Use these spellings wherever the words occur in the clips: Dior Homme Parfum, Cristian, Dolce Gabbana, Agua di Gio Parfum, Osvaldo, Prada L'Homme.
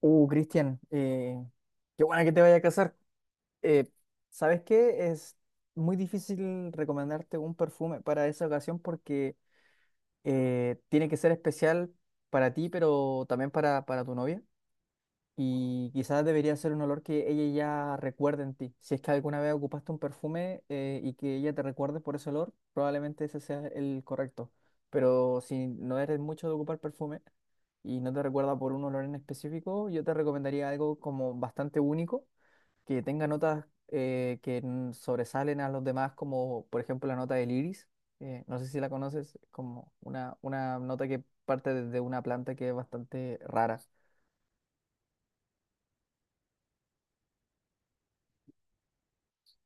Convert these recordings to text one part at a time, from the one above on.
Cristian, qué buena que te vaya a casar. Eh, ¿Sabes qué? Es muy difícil recomendarte un perfume para esa ocasión porque tiene que ser especial para ti, pero también para tu novia. Y quizás debería ser un olor que ella ya recuerde en ti. Si es que alguna vez ocupaste un perfume y que ella te recuerde por ese olor, probablemente ese sea el correcto. Pero si no eres mucho de ocupar perfume y no te recuerda por un olor en específico, yo te recomendaría algo como bastante único, que tenga notas sobresalen a los demás, como por ejemplo la nota del iris. No sé si la conoces, como una nota que parte de una planta que es bastante rara.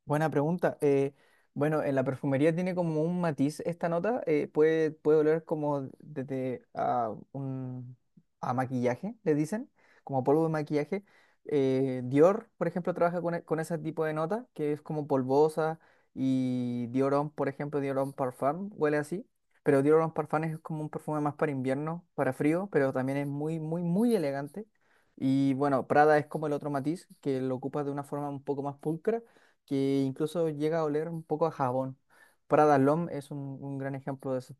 Buena pregunta. Bueno, en la perfumería tiene como un matiz esta nota. Puede oler como a maquillaje, le dicen, como polvo de maquillaje. Dior, por ejemplo, trabaja con ese tipo de nota, que es como polvosa. Y Dior Homme, por ejemplo, Dior Homme Parfum, huele así. Pero Dior Homme Parfum es como un perfume más para invierno, para frío, pero también es muy, muy, muy elegante. Y bueno, Prada es como el otro matiz, que lo ocupa de una forma un poco más pulcra, que incluso llega a oler un poco a jabón. Prada L'Homme es un gran ejemplo de eso.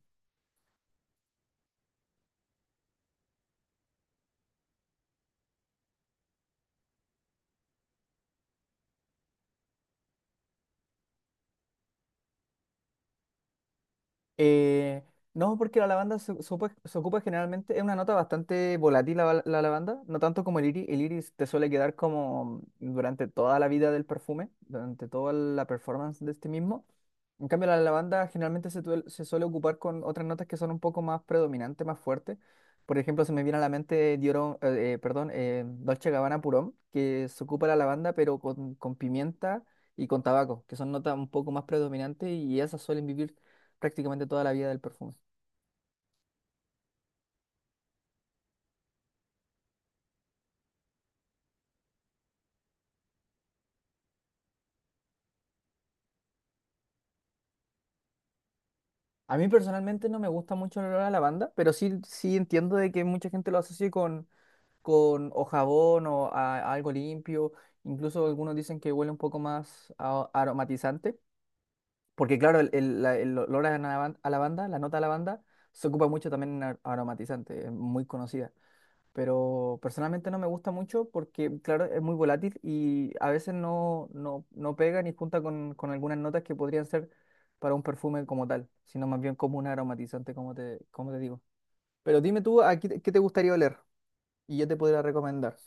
Eh, no, porque la lavanda se ocupa generalmente, es una nota bastante volátil la lavanda, no tanto como el iris. El iris te suele quedar como durante toda la vida del perfume, durante toda la performance de este mismo. En cambio, la lavanda generalmente se suele ocupar con otras notas que son un poco más predominantes, más fuertes. Por ejemplo, se me viene a la mente Diorón, perdón, Dolce Gabbana Purón, que se ocupa la lavanda, pero con pimienta y con tabaco, que son notas un poco más predominantes, y esas suelen vivir prácticamente toda la vida del perfume. A mí personalmente no me gusta mucho el olor a lavanda, pero sí, sí entiendo de que mucha gente lo asocie con o jabón o a algo limpio. Incluso algunos dicen que huele un poco más aromatizante. Porque claro, el olor a la banda, la nota a la banda, se ocupa mucho también en aromatizante, es muy conocida. Pero personalmente no me gusta mucho porque, claro, es muy volátil y a veces no pega ni junta con algunas notas que podrían ser para un perfume como tal, sino más bien como un aromatizante, como te digo. Pero dime tú, ¿a qué te gustaría oler? Y yo te podría recomendar.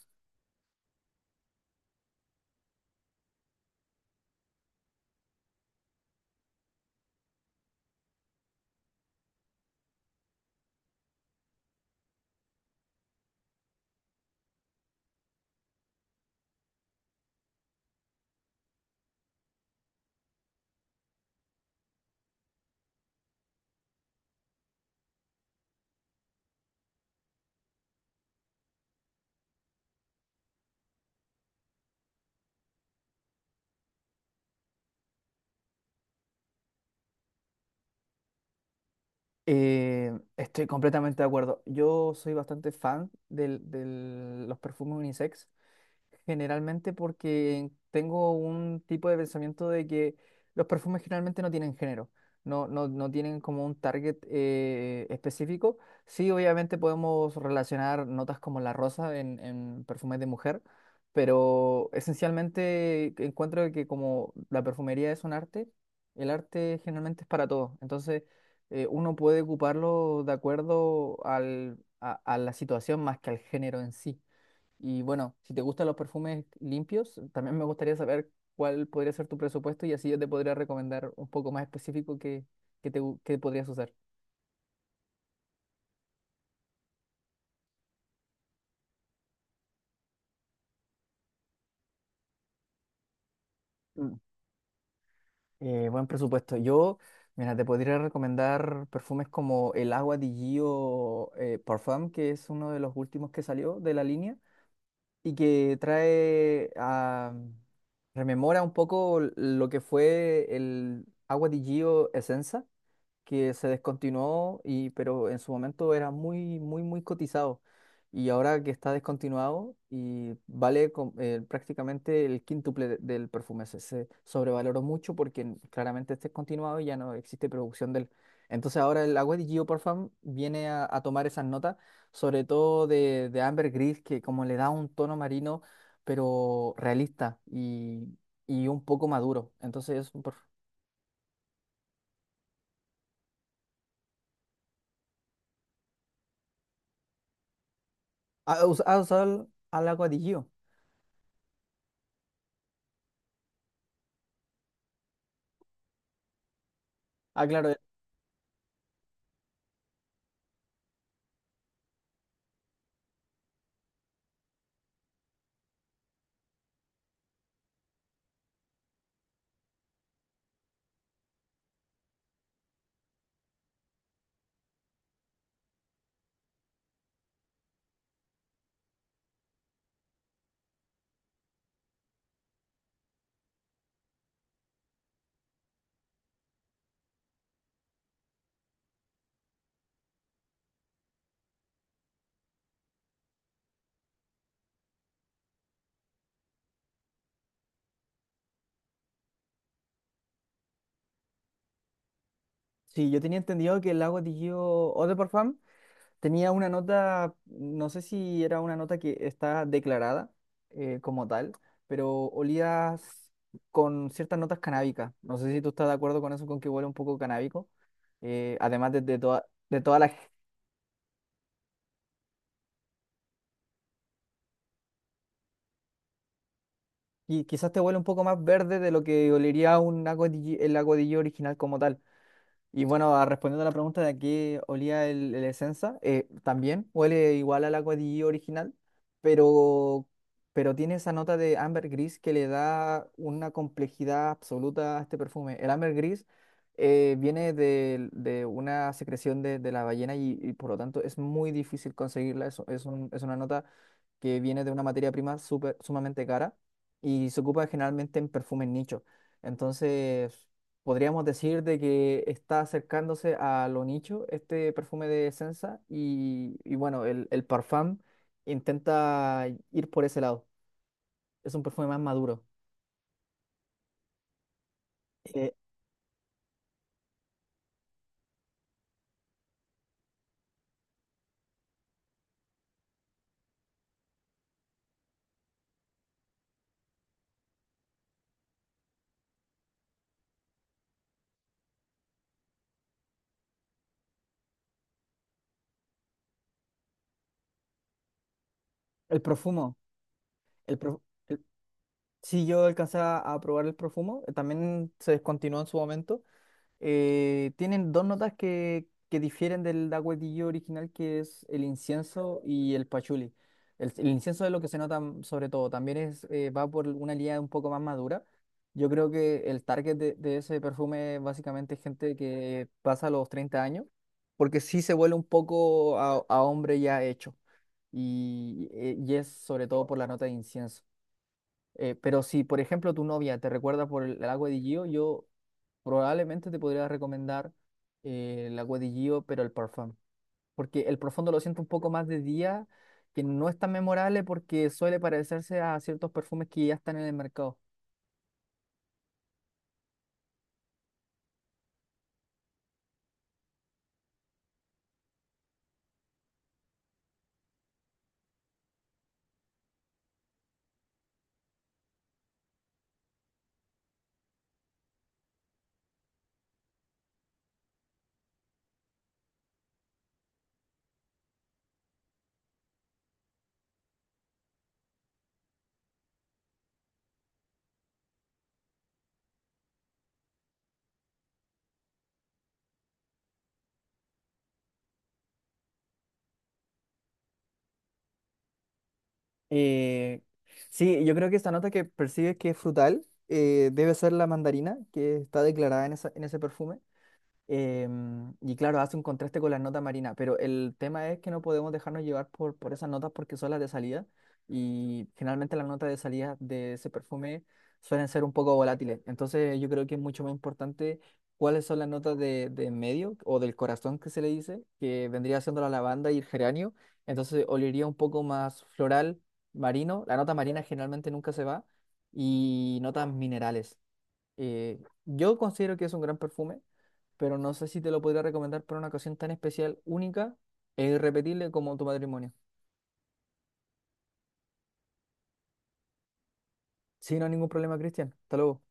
Estoy completamente de acuerdo. Yo soy bastante fan de los perfumes unisex. Generalmente porque tengo un tipo de pensamiento de que los perfumes generalmente no tienen género, no tienen como un target específico. Sí, obviamente podemos relacionar notas como la rosa en perfumes de mujer, pero esencialmente encuentro que como la perfumería es un arte, el arte generalmente es para todos. Entonces uno puede ocuparlo de acuerdo a la situación más que al género en sí. Y bueno, si te gustan los perfumes limpios, también me gustaría saber cuál podría ser tu presupuesto, y así yo te podría recomendar un poco más específico que podrías usar. Mm. Buen presupuesto. Mira, te podría recomendar perfumes como el Agua di Gio Parfum, que es uno de los últimos que salió de la línea y que trae a... rememora un poco lo que fue el Agua di Gio Essenza, que se descontinuó, y pero en su momento era muy muy muy cotizado, y ahora que está descontinuado y prácticamente el quíntuple del perfume se sobrevaloró mucho porque claramente está descontinuado y ya no existe producción del, entonces ahora el agua de Geoparfum viene a tomar esas notas sobre todo de ambergris, que como le da un tono marino, pero realista y un poco maduro, entonces es un ¿Ha ha usado al agua de Gio? Ah, claro. Sí, yo tenía entendido que el lago Digio Eau de Parfum tenía una nota, no sé si era una nota que está declarada como tal, pero olía con ciertas notas canábicas. No sé si tú estás de acuerdo con eso, con que huele un poco canábico. Además de toda la... Y quizás te huele un poco más verde de lo que olería un el lago Digio original como tal. Y bueno, respondiendo a la pregunta de a qué olía el Essenza, también huele igual al Agua di original, pero, pero tiene esa nota de ambergris que le da una complejidad absoluta a este perfume. El ambergris viene de una secreción de la ballena, y por lo tanto es muy difícil conseguirla. Es una nota que viene de una materia prima sumamente cara, y se ocupa generalmente en perfumes nicho. Entonces, podríamos decir de que está acercándose a lo nicho este perfume de Senza, y bueno, el Parfum intenta ir por ese lado. Es un perfume más maduro. Eh, el profumo, el pro- el- sí yo alcancé a probar el profumo, también se descontinuó en su momento. Tienen dos notas que difieren del dagüetillo original, que es el incienso y el pachuli. El incienso es lo que se nota sobre todo, también es, va por una línea un poco más madura. Yo creo que el target de ese perfume es básicamente gente que pasa los 30 años, porque sí se vuelve un poco a hombre ya hecho, y es sobre todo por la nota de incienso. Pero si, por ejemplo, tu novia te recuerda por agua de Gio, yo probablemente te podría recomendar la Agua de Gio, pero el Parfum. Porque el profundo lo siento un poco más de día, que no es tan memorable porque suele parecerse a ciertos perfumes que ya están en el mercado. Eh, sí, yo creo que esta nota que percibes que es frutal debe ser la mandarina que está declarada en en ese perfume. Y claro, hace un contraste con las notas marinas, pero el tema es que no podemos dejarnos llevar por esas notas porque son las de salida, y generalmente las notas de salida de ese perfume suelen ser un poco volátiles. Entonces yo creo que es mucho más importante cuáles son las notas de en medio o del corazón, que se le dice, que vendría siendo la lavanda y el geranio. Entonces olería un poco más floral, marino. La nota marina generalmente nunca se va, y notas minerales. Eh, yo considero que es un gran perfume, pero no sé si te lo podría recomendar para una ocasión tan especial, única e irrepetible como tu matrimonio. Sin ningún problema, Cristian. Hasta luego.